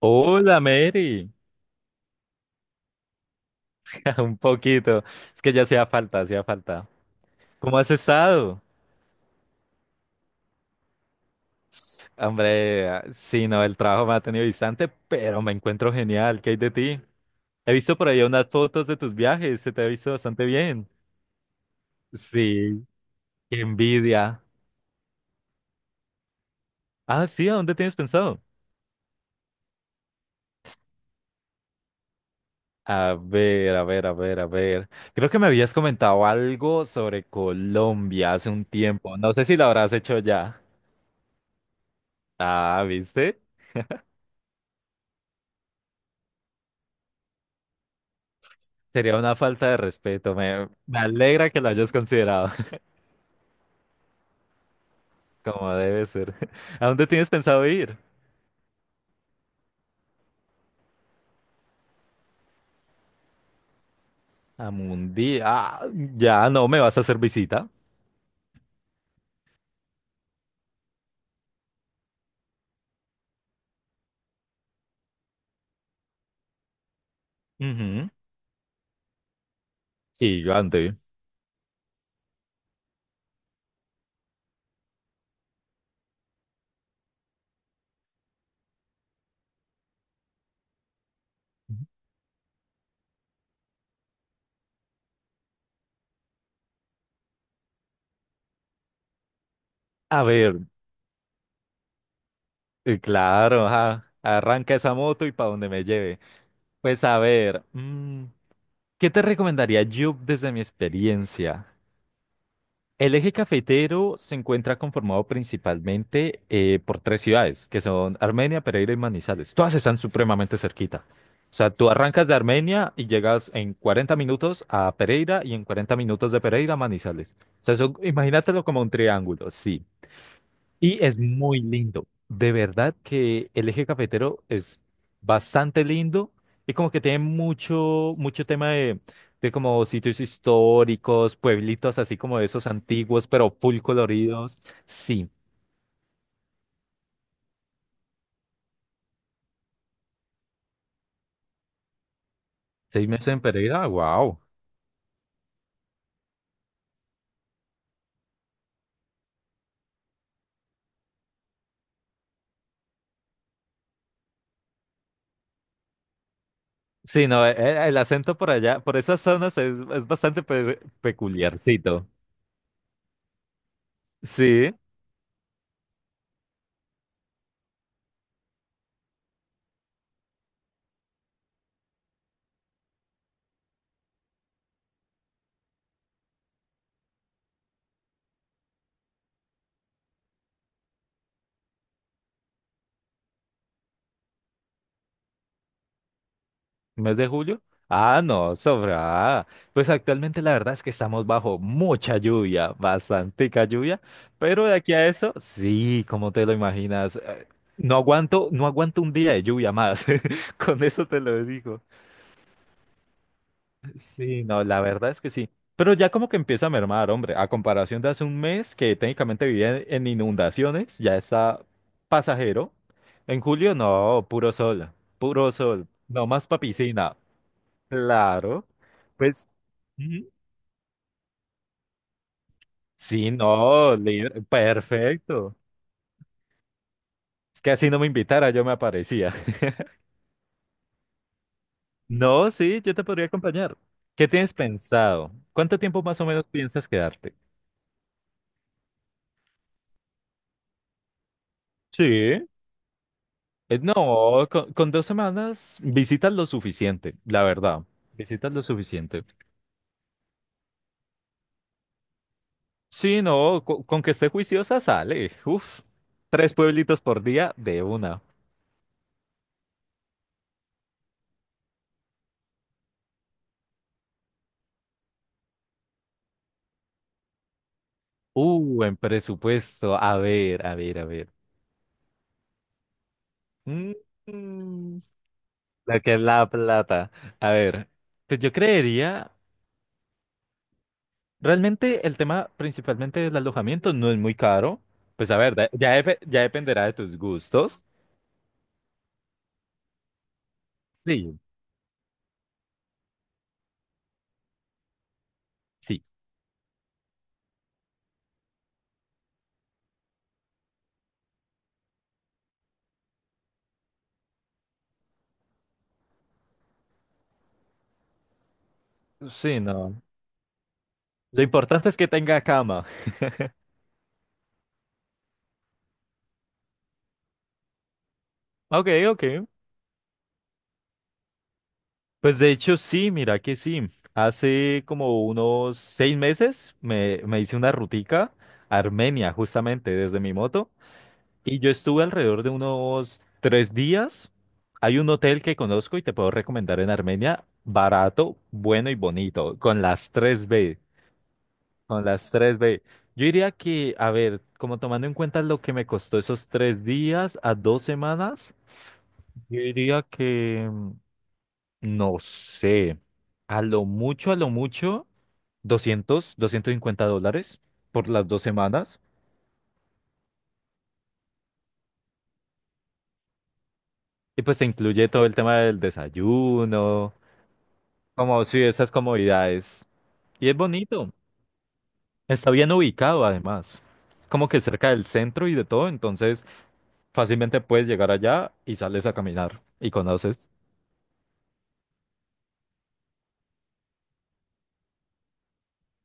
Hola, Mary. Un poquito. Es que ya hacía falta, hacía falta. ¿Cómo has estado? Hombre, sí, no, el trabajo me ha tenido distante, pero me encuentro genial. ¿Qué hay de ti? He visto por ahí unas fotos de tus viajes, se te ha visto bastante bien. Sí, qué envidia. Ah, sí, ¿a dónde tienes pensado? A ver, a ver, a ver, a ver. Creo que me habías comentado algo sobre Colombia hace un tiempo. No sé si lo habrás hecho ya. Ah, ¿viste? Sería una falta de respeto. Me alegra que lo hayas considerado como debe ser. ¿A dónde tienes pensado ir? A Mundi. Ah, ya no me vas a hacer visita. Ujú. Gigante. A ver, claro, ajá, arranca esa moto y para donde me lleve. Pues a ver, ¿qué te recomendaría yo desde mi experiencia? El eje cafetero se encuentra conformado principalmente por tres ciudades, que son Armenia, Pereira y Manizales. Todas están supremamente cerquita. O sea, tú arrancas de Armenia y llegas en 40 minutos a Pereira y en 40 minutos de Pereira a Manizales. O sea, eso, imagínatelo como un triángulo, sí. Y es muy lindo. De verdad que el eje cafetero es bastante lindo y como que tiene mucho, mucho tema de como sitios históricos, pueblitos así como esos antiguos, pero full coloridos. Sí. 6 meses en Pereira, wow. Sí, no, el acento por allá, por esas zonas es bastante peculiarcito. Sí. ¿Mes de julio? Ah, no, sobra. Pues actualmente la verdad es que estamos bajo mucha lluvia, bastantica lluvia, pero de aquí a eso, sí, como te lo imaginas, no aguanto un día de lluvia más. Con eso te lo digo. Sí, no, la verdad es que sí. Pero ya como que empieza a mermar, hombre, a comparación de hace un mes que técnicamente vivía en inundaciones, ya está pasajero. En julio, no, puro sol, no más pa' piscina. Claro. Pues ujú. Sí, no, líder, perfecto. Es que así no me invitara, yo me aparecía. No, sí, yo te podría acompañar. ¿Qué tienes pensado? ¿Cuánto tiempo más o menos piensas quedarte? Sí. No, con 2 semanas visitas lo suficiente, la verdad. Visitas lo suficiente. Sí, no, con, que esté juiciosa sale. Uf, tres pueblitos por día de una. En presupuesto. A ver, a ver, a ver. Mm, Lo que es la plata. A ver, pues yo creería, realmente el tema principalmente del alojamiento no es muy caro. Pues a ver, ya, ya dependerá de tus gustos. Sí, sí. Sí, no. Lo importante es que tenga cama. Ok, ok. Pues de hecho sí, mira que sí. Hace como unos 6 meses me hice una rutica a Armenia, justamente desde mi moto. Y yo estuve alrededor de unos 3 días. Hay un hotel que conozco y te puedo recomendar en Armenia, barato, bueno y bonito, con las tres b. Con las tres b. Yo diría que, a ver, como tomando en cuenta lo que me costó esos 3 días a 2 semanas, yo diría que, no sé, a lo mucho, $250 por las 2 semanas. Y pues te incluye todo el tema del desayuno. Como si esas comodidades. Y es bonito. Está bien ubicado además. Es como que cerca del centro y de todo, entonces fácilmente puedes llegar allá y sales a caminar y conoces.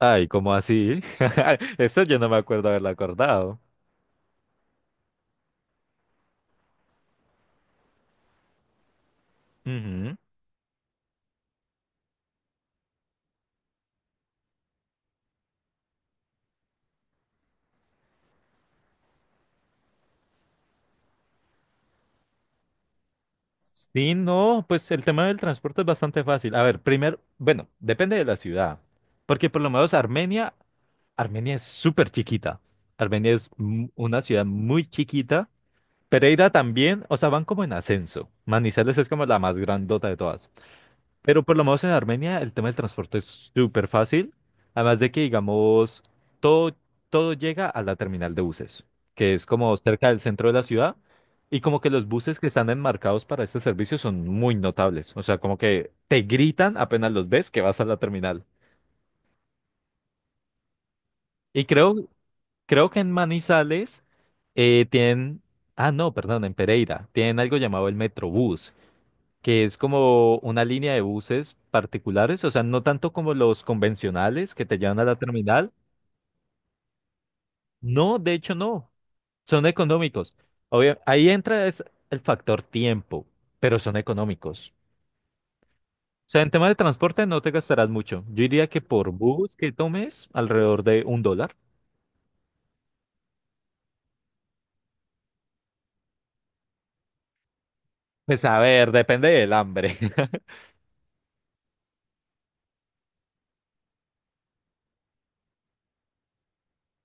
Ay, ¿cómo así? Eso yo no me acuerdo haberlo acordado. Ujú. Sí, no, pues el tema del transporte es bastante fácil. A ver, primero, bueno, depende de la ciudad, porque por lo menos Armenia, Armenia es súper chiquita. Armenia es una ciudad muy chiquita. Pereira también, o sea, van como en ascenso. Manizales es como la más grandota de todas. Pero por lo menos en Armenia el tema del transporte es súper fácil. Además de que, digamos, todo, todo llega a la terminal de buses, que es como cerca del centro de la ciudad. Y como que los buses que están enmarcados para este servicio son muy notables. O sea, como que te gritan apenas los ves que vas a la terminal. Y creo que en Manizales tienen... Ah, no, perdón, en Pereira. Tienen algo llamado el Metrobús, que es como una línea de buses particulares, o sea, no tanto como los convencionales que te llevan a la terminal. No, de hecho no, son económicos. Obvio, ahí entra es el factor tiempo, pero son económicos. O sea, en tema de transporte no te gastarás mucho. Yo diría que por bus que tomes, alrededor de $1. Pues a ver, depende del hambre.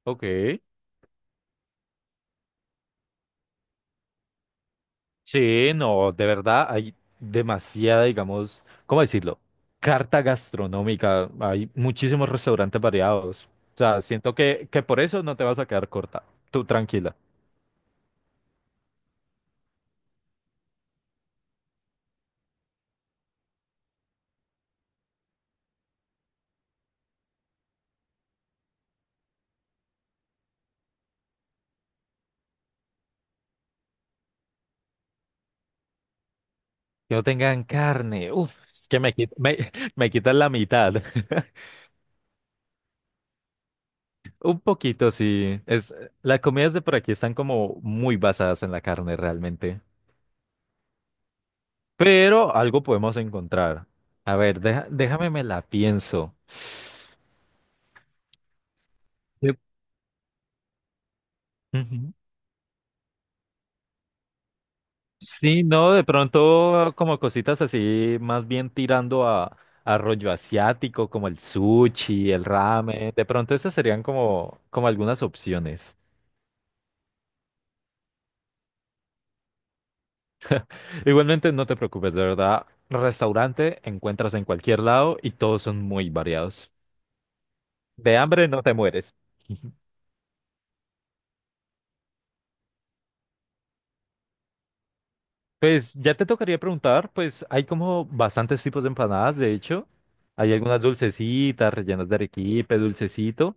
Ok. Sí, no, de verdad hay demasiada, digamos, ¿cómo decirlo? Carta gastronómica, hay muchísimos restaurantes variados. O sea, siento que por eso no te vas a quedar corta. Tú tranquila. Que no tengan carne. Uf, es que me, me, me quitan la mitad. Un poquito, sí. Es, las comidas de por aquí están como muy basadas en la carne realmente. Pero algo podemos encontrar. A ver, déjame me la pienso. Yo- Ujú. Sí, no, de pronto como cositas así, más bien tirando a rollo asiático, como el sushi, el ramen. De pronto esas serían como algunas opciones. Igualmente, no te preocupes, de verdad. Restaurante encuentras en cualquier lado y todos son muy variados. De hambre no te mueres. Pues ya te tocaría preguntar, pues hay como bastantes tipos de empanadas, de hecho. Hay algunas dulcecitas, rellenas de arequipe, dulcecito.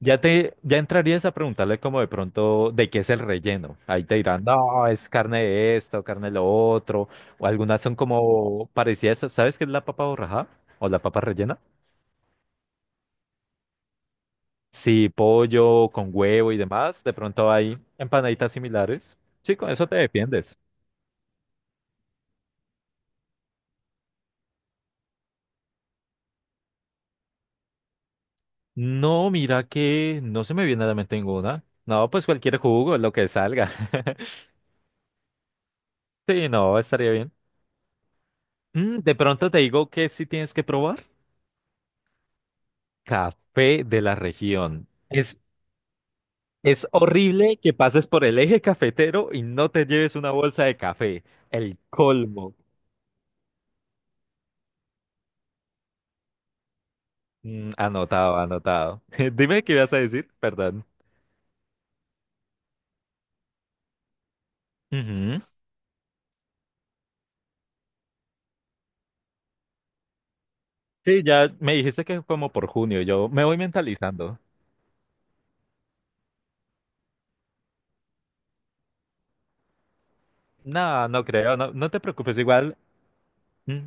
Ya te, ya entrarías a preguntarle como de pronto de qué es el relleno. Ahí te dirán, no, es carne de esto, carne de lo otro, o algunas son como parecidas. ¿Sabes qué es la papa borraja? ¿O la papa rellena? Sí, pollo con huevo y demás. De pronto hay empanaditas similares. Sí, con eso te defiendes. No, mira que no se me viene a la mente ninguna. No, pues cualquier jugo, lo que salga. Sí, no, estaría bien. De pronto te digo que sí tienes que probar. Café de la región. Es horrible que pases por el eje cafetero y no te lleves una bolsa de café. El colmo. Anotado, anotado. Dime qué ibas a decir, perdón. Ujú. Sí, ya me dijiste que como por junio, yo me voy mentalizando. No, no creo, no, no te preocupes, igual mm,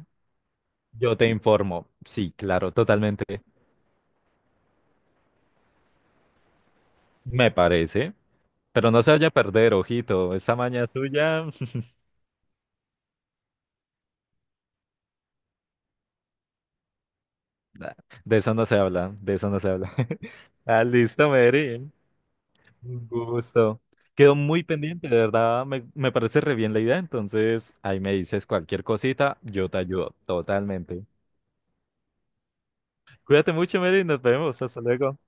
yo te informo. Sí, claro, totalmente. Me parece. Pero no se vaya a perder, ojito. Esa maña suya, nah, de eso no se habla, de eso no se habla. Ah, listo, Mary. Un gusto. Quedó muy pendiente, de verdad, me parece re bien la idea, entonces ahí me dices cualquier cosita, yo te ayudo totalmente. Cuídate mucho, Mary, nos vemos, hasta luego.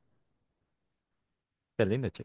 Qué linda, che.